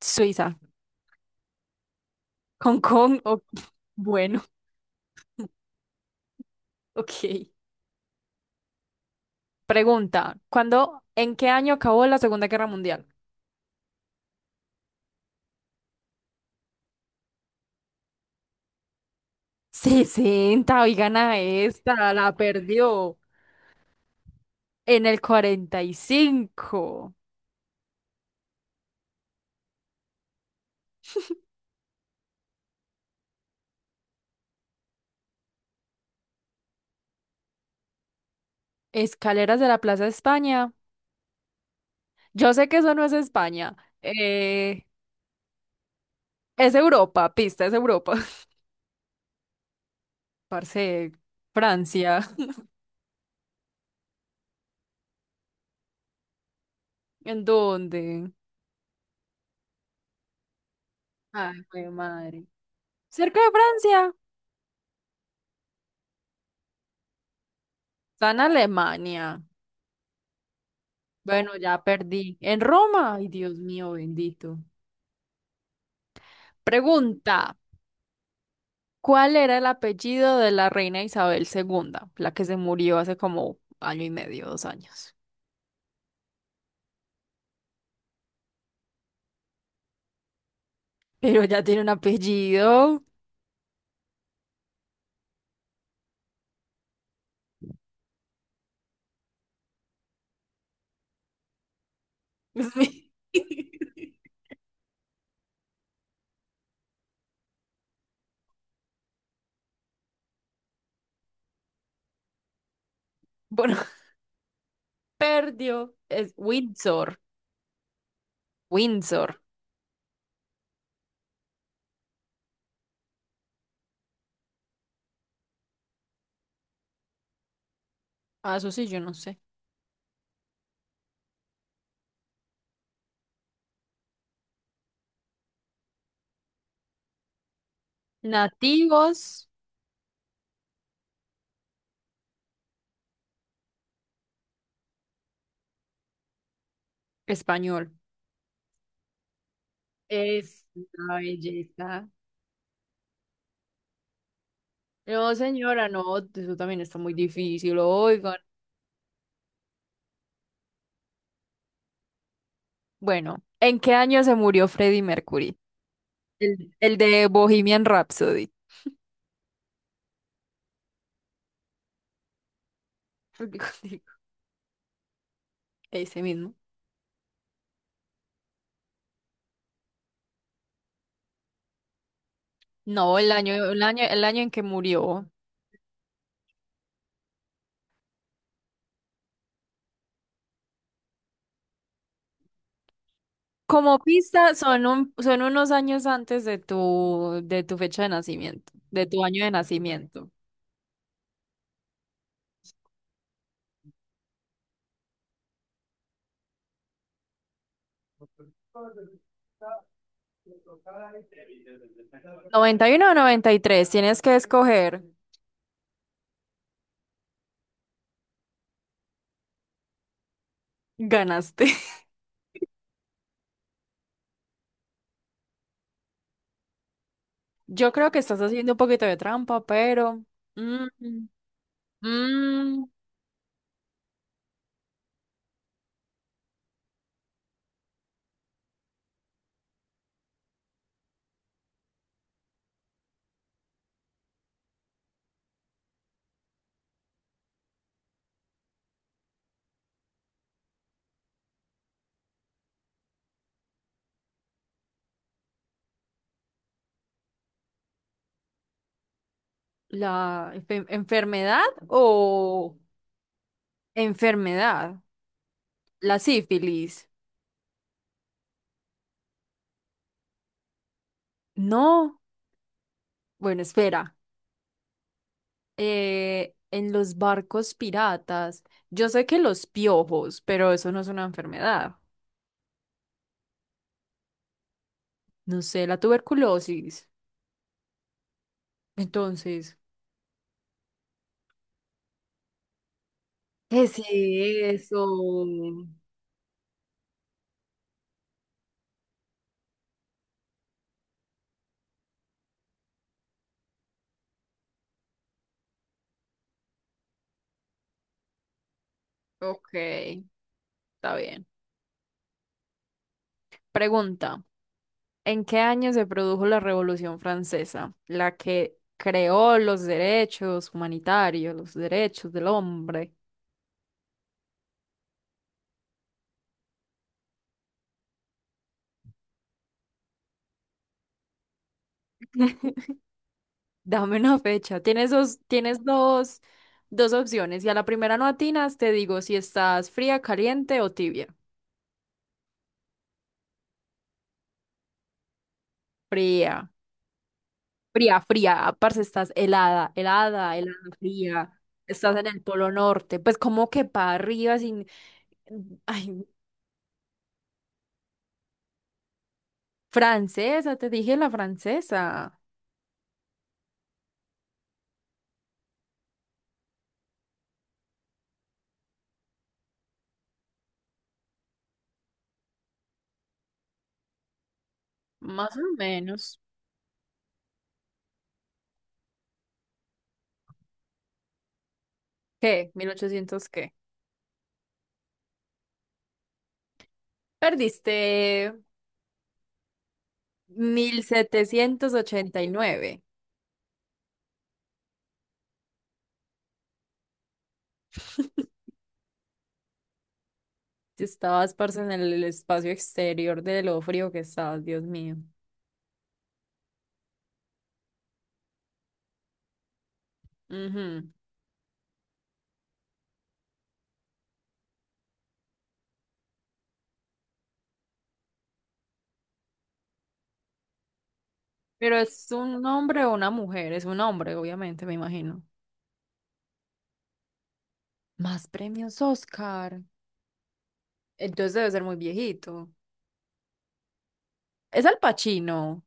Suiza, Hong Kong. Bueno, ok. Pregunta, ¿ en qué año acabó la Segunda Guerra Mundial? 60. Hoy gana esta, la perdió. En el 45. Escaleras de la Plaza de España. Yo sé que eso no es España, eh, es Europa, pista, es Europa. Parce, Francia, ¿En dónde? Ay, jue madre. Cerca de Francia, está en Alemania. Bueno, ya perdí. En Roma, ay Dios mío, bendito. Pregunta, ¿cuál era el apellido de la reina Isabel II, la que se murió hace como año y medio, dos años? Pero ya tiene un apellido. Bueno, perdió. Es Windsor. Windsor. Ah, eso sí, yo no sé. Nativos español. Es una belleza. No, señora, no, eso también está muy difícil. Oigan, bueno, ¿en qué año se murió Freddie Mercury? El de Bohemian Rhapsody. Ese mismo. No, el año en que murió. Como pista, son unos años antes de tu fecha de nacimiento, de tu año de nacimiento. 91 o 93. Tienes que escoger. Ganaste. Yo creo que estás haciendo un poquito de trampa, pero... mm, mm, ¿La enfermedad o enfermedad? La sífilis. No. Bueno, espera. En los barcos piratas. Yo sé que los piojos, pero eso no es una enfermedad. No sé, la tuberculosis. Entonces, ¿qué es eso? Ok, está bien. Pregunta. ¿En qué año se produjo la Revolución Francesa, la que creó los derechos humanitarios, los derechos del hombre? Dame una fecha. Tienes dos opciones. Y a la primera no atinas, te digo si estás fría, caliente o tibia. Fría, fría, fría. Parce, estás helada, helada, helada, fría. Estás en el Polo Norte. Pues como que para arriba sin. Ay, francesa, te dije la francesa. Más o menos. ¿Qué? ¿Mil ochocientos qué? Perdiste 1789. Si estabas, parce, en el espacio exterior de lo frío que estabas, Dios mío. Ujú. Pero es un hombre o una mujer, es un hombre, obviamente, me imagino. Más premios Oscar. Entonces debe ser muy viejito. Es Al Pacino.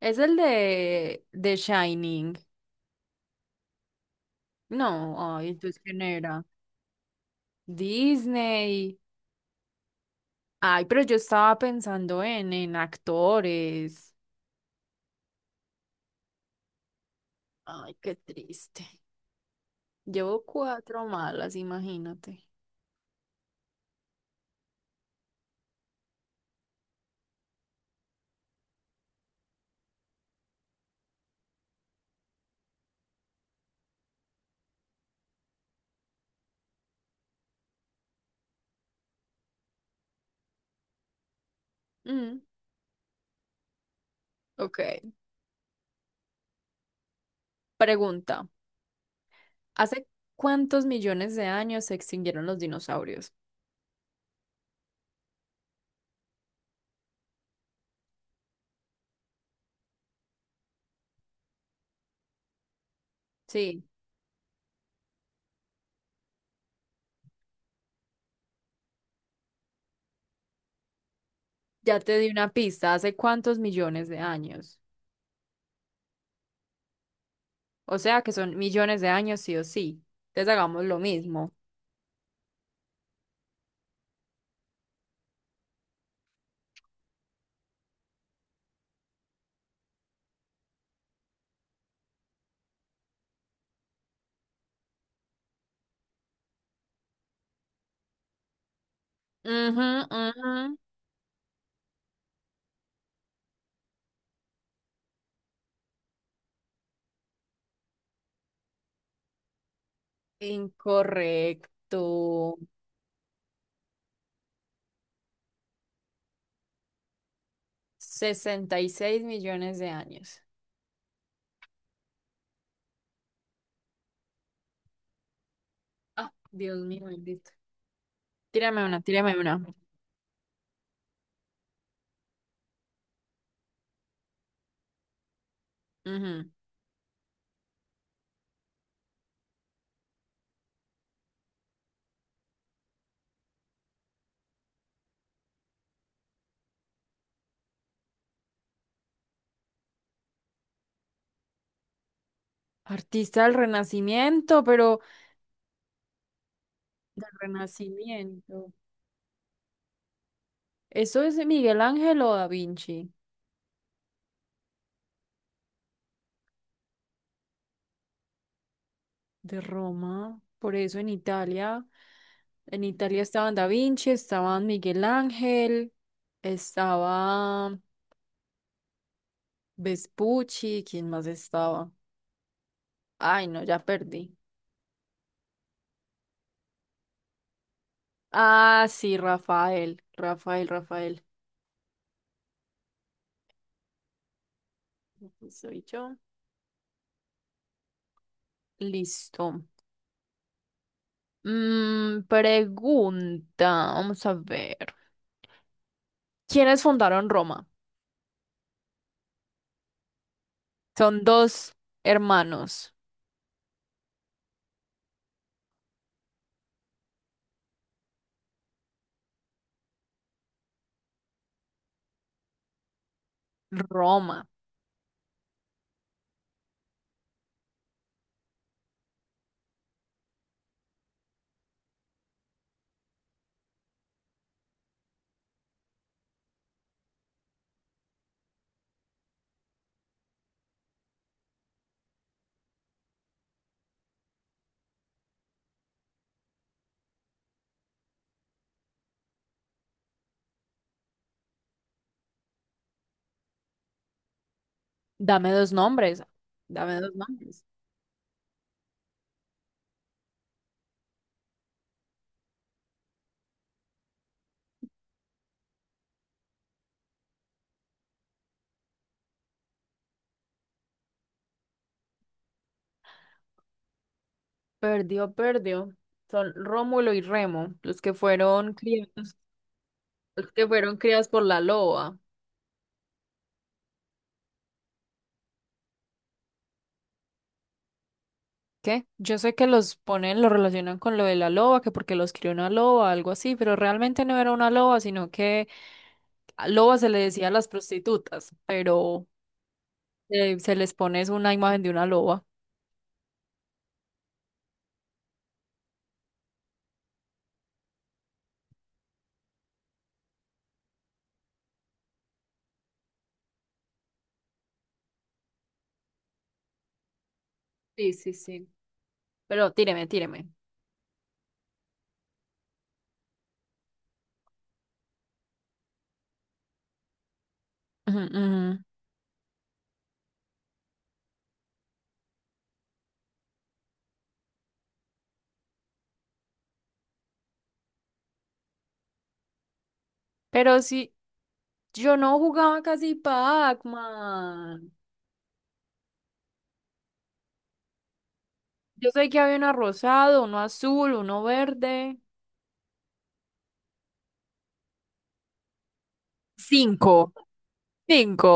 Es el de Shining. No, ay, entonces ¿quién era? Disney. Ay, pero yo estaba pensando en actores. Ay, qué triste. Llevo cuatro malas, imagínate. Mm, ok. Pregunta. ¿Hace cuántos millones de años se extinguieron los dinosaurios? Sí, ya te di una pista. ¿Hace cuántos millones de años? O sea que son millones de años sí o sí. Entonces hagamos lo mismo. Ujú, ujú. Incorrecto. 66 millones de años. Ah, Dios mío, bendito. Tírame una, tírame una. Ujú. Artista del Renacimiento, pero del Renacimiento. ¿Eso es Miguel Ángel o Da Vinci? De Roma. Por eso en Italia estaban Da Vinci, estaban Miguel Ángel, estaba Vespucci, ¿quién más estaba? Ay, no, ya perdí. Ah, sí, Rafael, Rafael, Rafael. Soy yo. Listo. Pregunta, vamos a ver. ¿Quiénes fundaron Roma? Son dos hermanos. Roma. Dame dos nombres. Dame dos nombres. Perdió, perdió. Son Rómulo y Remo, los que fueron criados por la loba. ¿Qué? Yo sé que los ponen, los relacionan con lo de la loba, que porque los crió una loba, algo así, pero realmente no era una loba, sino que a loba se le decía a las prostitutas, pero se les pones una imagen de una loba. Sí, sí, sí. Pero tíreme, tíreme. Ujú, ujú. Pero si yo no jugaba casi Pac-Man. Yo sé que había uno rosado, uno azul, uno verde. Cinco. Cinco.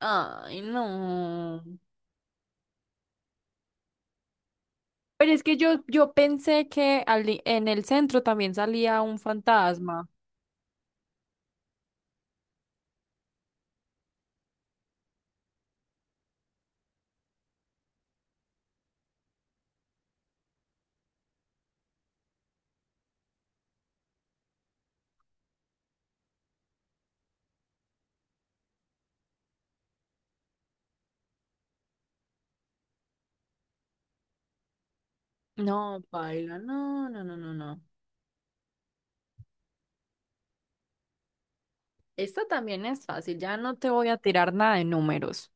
Ay, no. Pero es que yo pensé que en el centro también salía un fantasma. No, paila, no, no, no, no, no. Esta también es fácil, ya no te voy a tirar nada de números.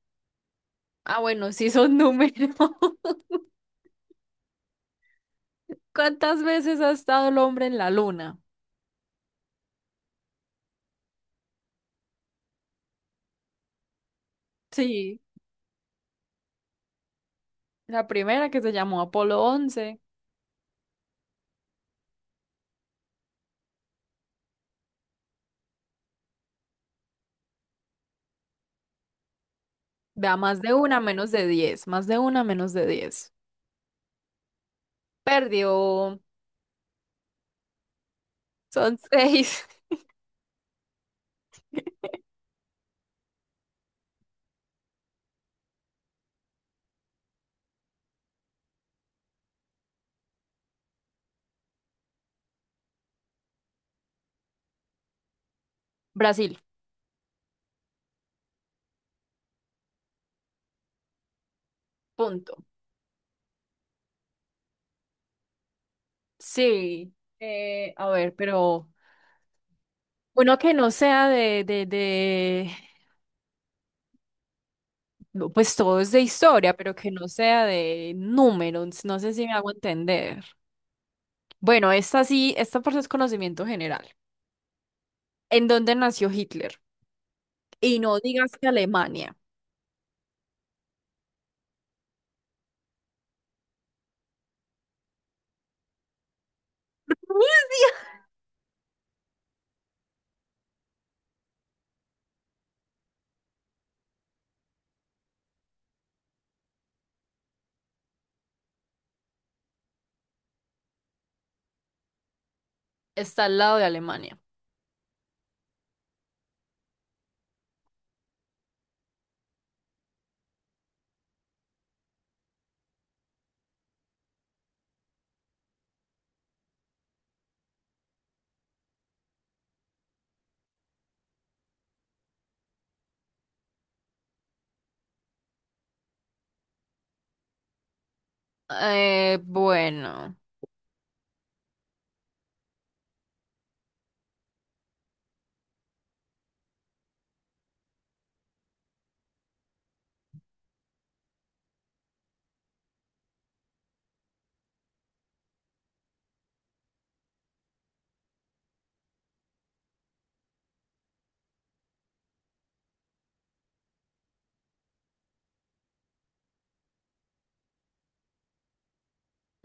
Ah, bueno, sí son números. ¿Cuántas veces ha estado el hombre en la luna? Sí, la primera que se llamó Apolo 11. Vea, más de una, menos de 10. Más de una, menos de 10. Perdió. Son seis. Brasil, punto. Sí. A ver, pero uno que no sea no, pues todo es de historia, pero que no sea de números. No sé si me hago entender. Bueno, esta sí, esta por es conocimiento general. ¿En dónde nació Hitler? Y no digas que Alemania. Está al lado de Alemania. Bueno,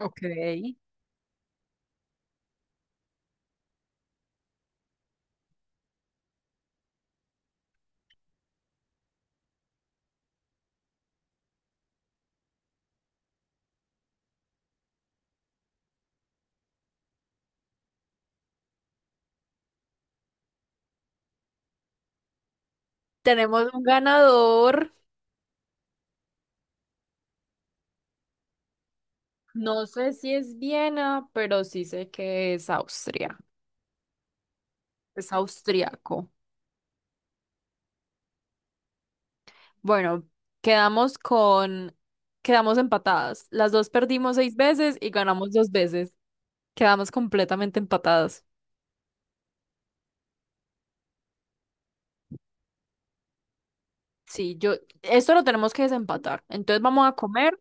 ok. Tenemos un ganador. No sé si es Viena, pero sí sé que es Austria. Es austriaco. Bueno, quedamos con... Quedamos empatadas. Las dos perdimos seis veces y ganamos dos veces. Quedamos completamente empatadas. Sí, esto lo tenemos que desempatar. Entonces vamos a comer,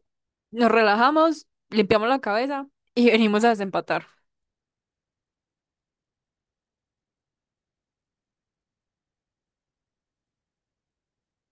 nos relajamos, limpiamos la cabeza y venimos a desempatar.